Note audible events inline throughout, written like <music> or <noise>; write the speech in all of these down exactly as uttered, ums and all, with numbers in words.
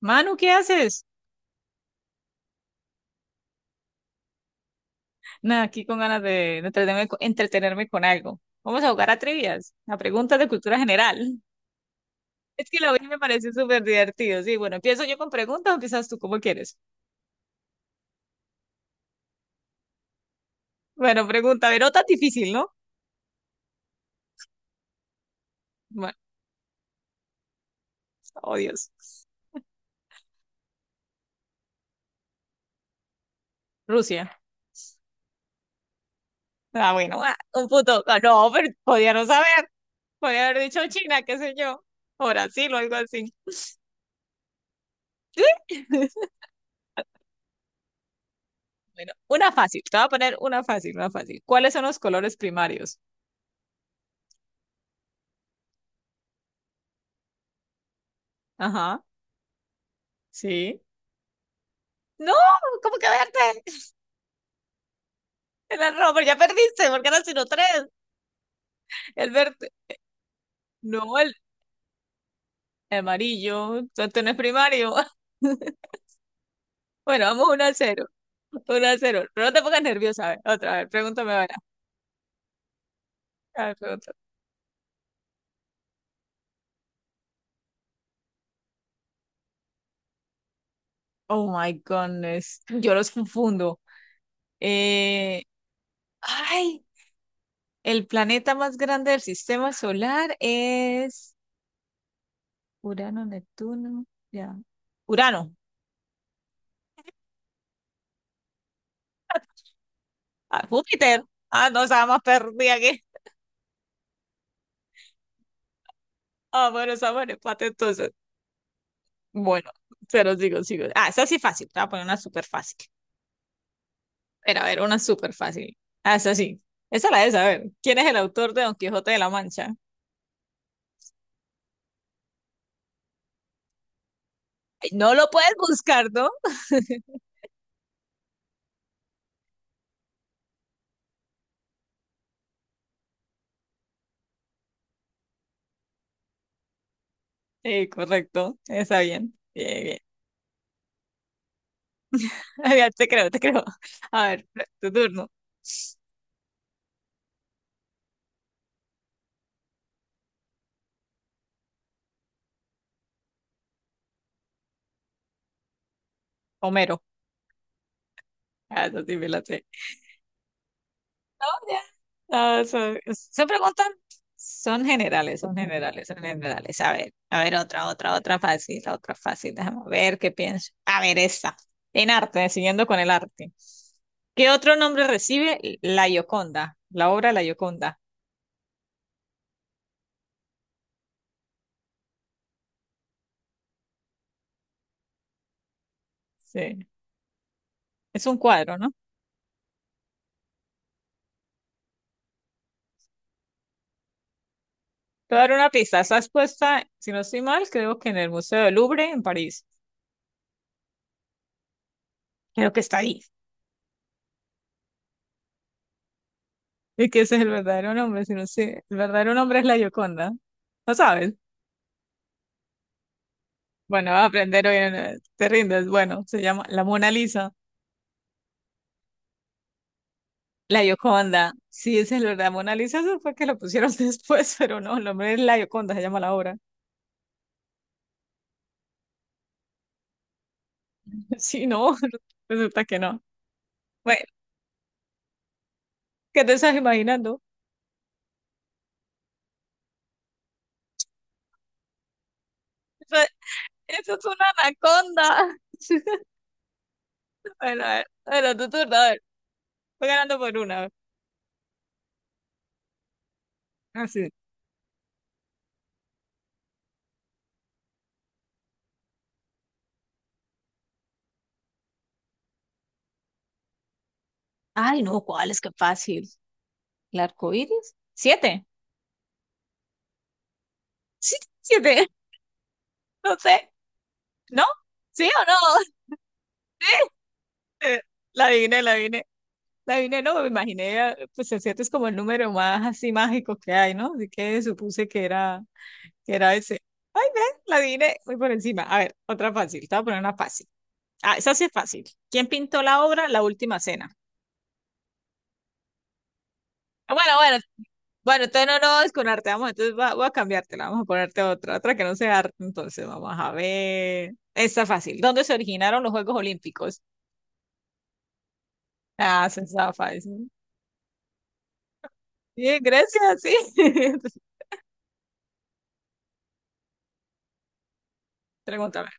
Manu, ¿qué haces? Nada, aquí con ganas de entretenerme, entretenerme con algo. Vamos a jugar a trivias, a preguntas de cultura general. <laughs> Es que la vez me parece súper divertido. Sí, bueno, empiezo yo con preguntas o empiezas tú como quieres. Bueno, pregunta, pero no tan difícil, ¿no? Bueno, oh Dios. Rusia. Ah, bueno, ah, un punto. Ah, no, pero podía no saber. Podía haber dicho China, qué sé yo. O Brasil o algo así. <laughs> Bueno, una fácil. Te voy a poner una fácil, una fácil. ¿Cuáles son los colores primarios? Ajá, sí. No, ¿cómo que verde? El rojo, pero ya perdiste, porque eran sino tres. El verde. No, el amarillo. Entonces no es primario. <laughs> Bueno, vamos uno a cero, uno a cero. Pero no te pongas nerviosa, a ver, otra vez. Pregúntame ahora. A ver, pregúntame. Oh my goodness. Yo los confundo. Eh, ay, el planeta más grande del sistema solar es Urano, Neptuno. Ya. Urano. Ah, Júpiter. Ah, no, estaba más perdida. Ah, bueno, esa buena empate entonces. Bueno, se los digo, sigo. Ah, esa sí fácil. Te voy a poner una súper fácil. Pero a ver, una súper fácil. Ah, esa sí. Esa la de saber. ¿Quién es el autor de Don Quijote de la Mancha? Ay, no lo puedes buscar, ¿no? Sí, correcto. Está bien. Bien, bien. <laughs> Ya te creo, te creo. A ver, tu turno. Homero. Ah, esa sí me la sé. Ah, son, son preguntas, son generales, son generales, son generales. A ver, a ver, otra, otra, otra fácil, otra fácil. Déjame ver qué pienso. A ver, esta. En arte, siguiendo con el arte. ¿Qué otro nombre recibe La Gioconda? La obra La Gioconda. Sí, es un cuadro, ¿no? Te voy a dar una pista. Está expuesta, si no estoy mal, creo que en el Museo del Louvre, en París. Creo que está ahí. Y que ese es el verdadero nombre, si no sé. El verdadero nombre es La Gioconda. ¿No sabes? Bueno, va a aprender hoy, no te rindes. Bueno, se llama La Mona Lisa, la Gioconda. Sí, esa es la verdad, Mona Lisa, eso fue que lo pusieron <laughs> después, pero no, el nombre es La Gioconda, se llama la obra. <laughs> Sí, no, <laughs> resulta que no. Bueno, ¿qué te estás imaginando? Eso, eso es una anaconda. <laughs> Bueno, a ver, bueno, tu turno, a ver, voy ganando por una. Así. Ay, no, ¿cuál es que fácil? ¿El arco iris? ¿Siete? Sí, siete, <laughs> no sé, ¿no? ¿Sí o no? <laughs> Eh, la adiviné, la adiviné. La vine, no, me imaginé, pues el siete es como el número más así mágico que hay, ¿no? Así que supuse que era, que era ese. Ay, ve, la vine muy por encima. A ver, otra fácil, te voy a poner una fácil. Ah, esa sí es fácil. ¿Quién pintó la obra La Última Cena? Ah, bueno, bueno, bueno, entonces no, no, es con arte vamos, entonces va- voy a cambiártela, vamos a ponerte otra, otra que no sea arte, entonces vamos a ver. Esta fácil. ¿Dónde se originaron los Juegos Olímpicos? Ah, esa está fácil. Sí, en Grecia, sí. <laughs> Pregúntame.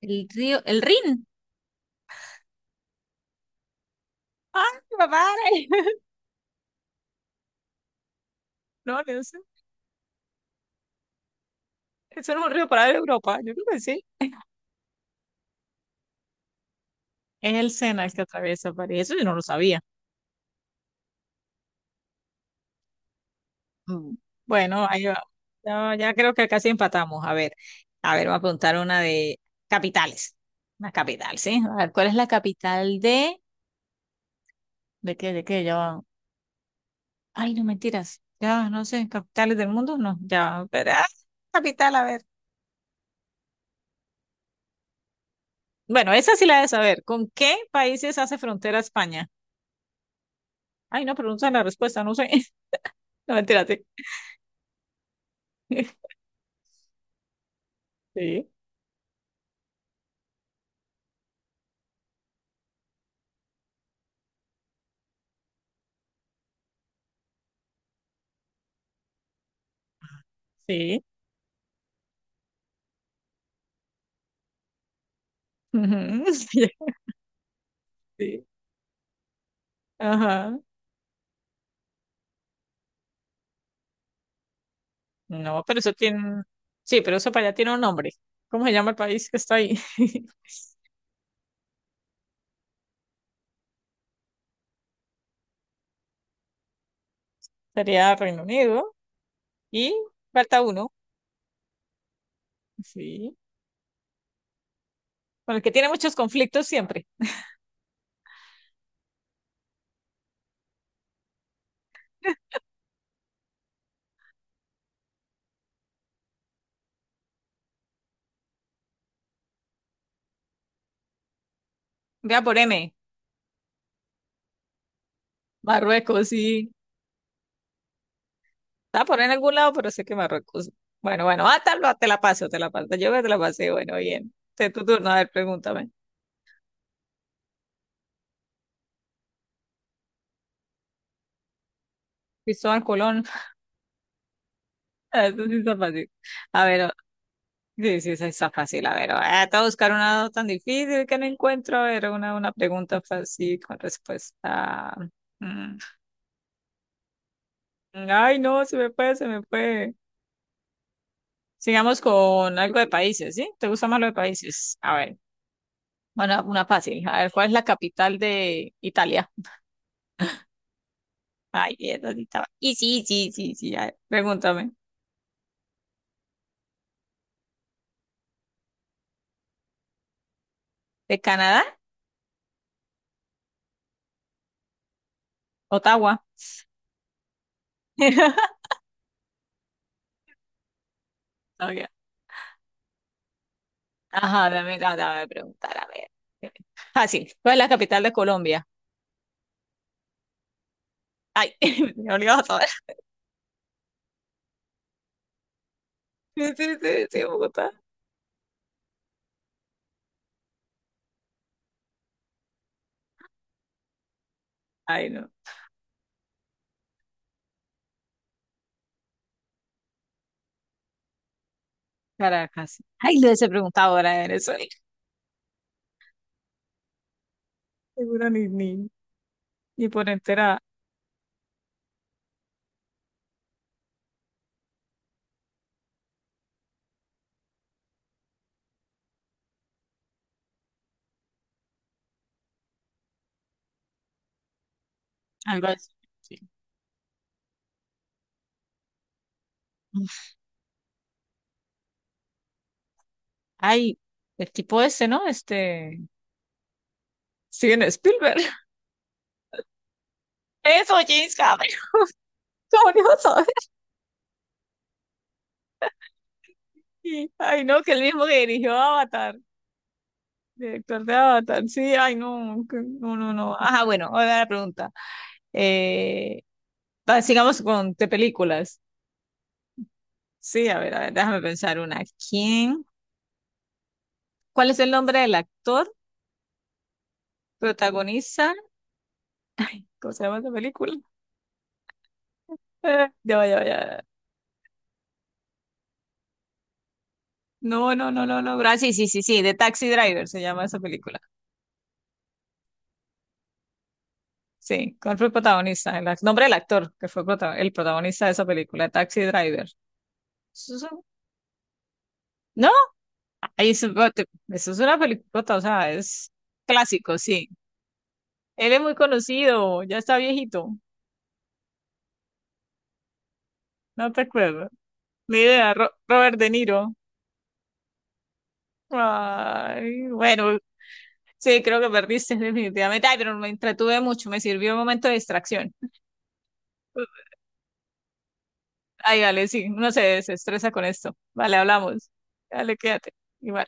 El río, el Rin. ¡Ay, papá! <laughs> No, no sé. Eso no es un río para Europa. Yo creo que sí. Es el Sena el que atraviesa París. Eso yo no lo sabía. Mm. Bueno, ahí va. Ya, ya creo que casi empatamos. A ver, a ver, voy a preguntar una de capitales. Una capital, ¿sí? A ver, ¿cuál es la capital de... ¿De qué? ¿De qué? Ya va. Ay, no mentiras. Ya, no sé, capitales del mundo, no. Ya, pero... ah, capital, a ver. Bueno, esa sí la de saber. ¿Con qué países hace frontera España? Ay, no, pregunta la respuesta, no sé. <laughs> No, mentira, sí. Sí, sí. Ujú, <laughs> sí, sí, ajá. No, pero eso tiene. Sí, pero eso para allá tiene un nombre. ¿Cómo se llama el país que está ahí? <laughs> Sería Reino Unido. Y falta uno. Sí. Con el que tiene muchos conflictos siempre. Vea por M. Marruecos, sí. Está por en algún lado, pero sé que Marruecos. Bueno, bueno, ah, tal, ah, te la paso, te la paso. Yo te la pasé. Bueno, bien. Te tu turno. A ver, pregúntame. Cristóbal Colón. <laughs> Eso sí está fácil. A ver. Sí, sí, esa está fácil. A ver, voy a te voy a buscar una tan difícil que no encuentro. A ver, una, una pregunta fácil con respuesta. Mm. Ay, no, se me fue, se me fue. Sigamos con algo de países, ¿sí? ¿Te gusta más lo de países? A ver, bueno, una fácil. A ver, ¿cuál es la capital de Italia? Ay, bien, ¿dónde estaba? Y sí, sí, sí, sí, a ver, pregúntame. ¿De Canadá? Ottawa. <laughs> Ok. Ajá, dame, dame, dame preguntar, a ver. Fácil. ¿Cuál es la capital de Colombia? Ay, <laughs> me olvidó todo. Sí, sí, sí, sí, Bogotá. Ay, no. Caracas. Ay, le hubiese preguntado ahora de Venezuela. Seguro ni, ni, ni por entera algo así. Sí. Ay, el tipo ese, ¿no? Este. Steven Spielberg. <laughs> Eso, James Cameron. <laughs> ¿Cómo no iba a saber? Y- Ay, no, que el mismo que dirigió Avatar. Director de Avatar. Sí, ay, no. que- No, no, no. Ajá, bueno, ahora la pregunta. Eh, va, sigamos con de películas. Sí, a ver, a ver, déjame pensar una. ¿Quién? ¿Cuál es el nombre del actor? Protagoniza, ¿cómo se llama esa película? <laughs> Eh, ya va, ya va, ya va. No, no, no, no, no, bra- sí, sí, sí, sí, de Taxi Driver se llama esa película. Sí, ¿cuál fue el protagonista? El ac- nombre del actor que fue prota- el protagonista de esa película, Taxi Driver. Eso es un- ¿No? Ahí es, eso es una película, o sea, es clásico, sí. Él es muy conocido, ya está viejito, no te acuerdo. Ni idea, Ro- Robert De Niro. Ay, bueno, sí, creo que perdiste <laughs> definitivamente. Ay, pero me entretuve mucho, me sirvió un momento de distracción. Ay, dale, sí, uno se desestresa con esto. Vale, hablamos. Dale, quédate. Igual.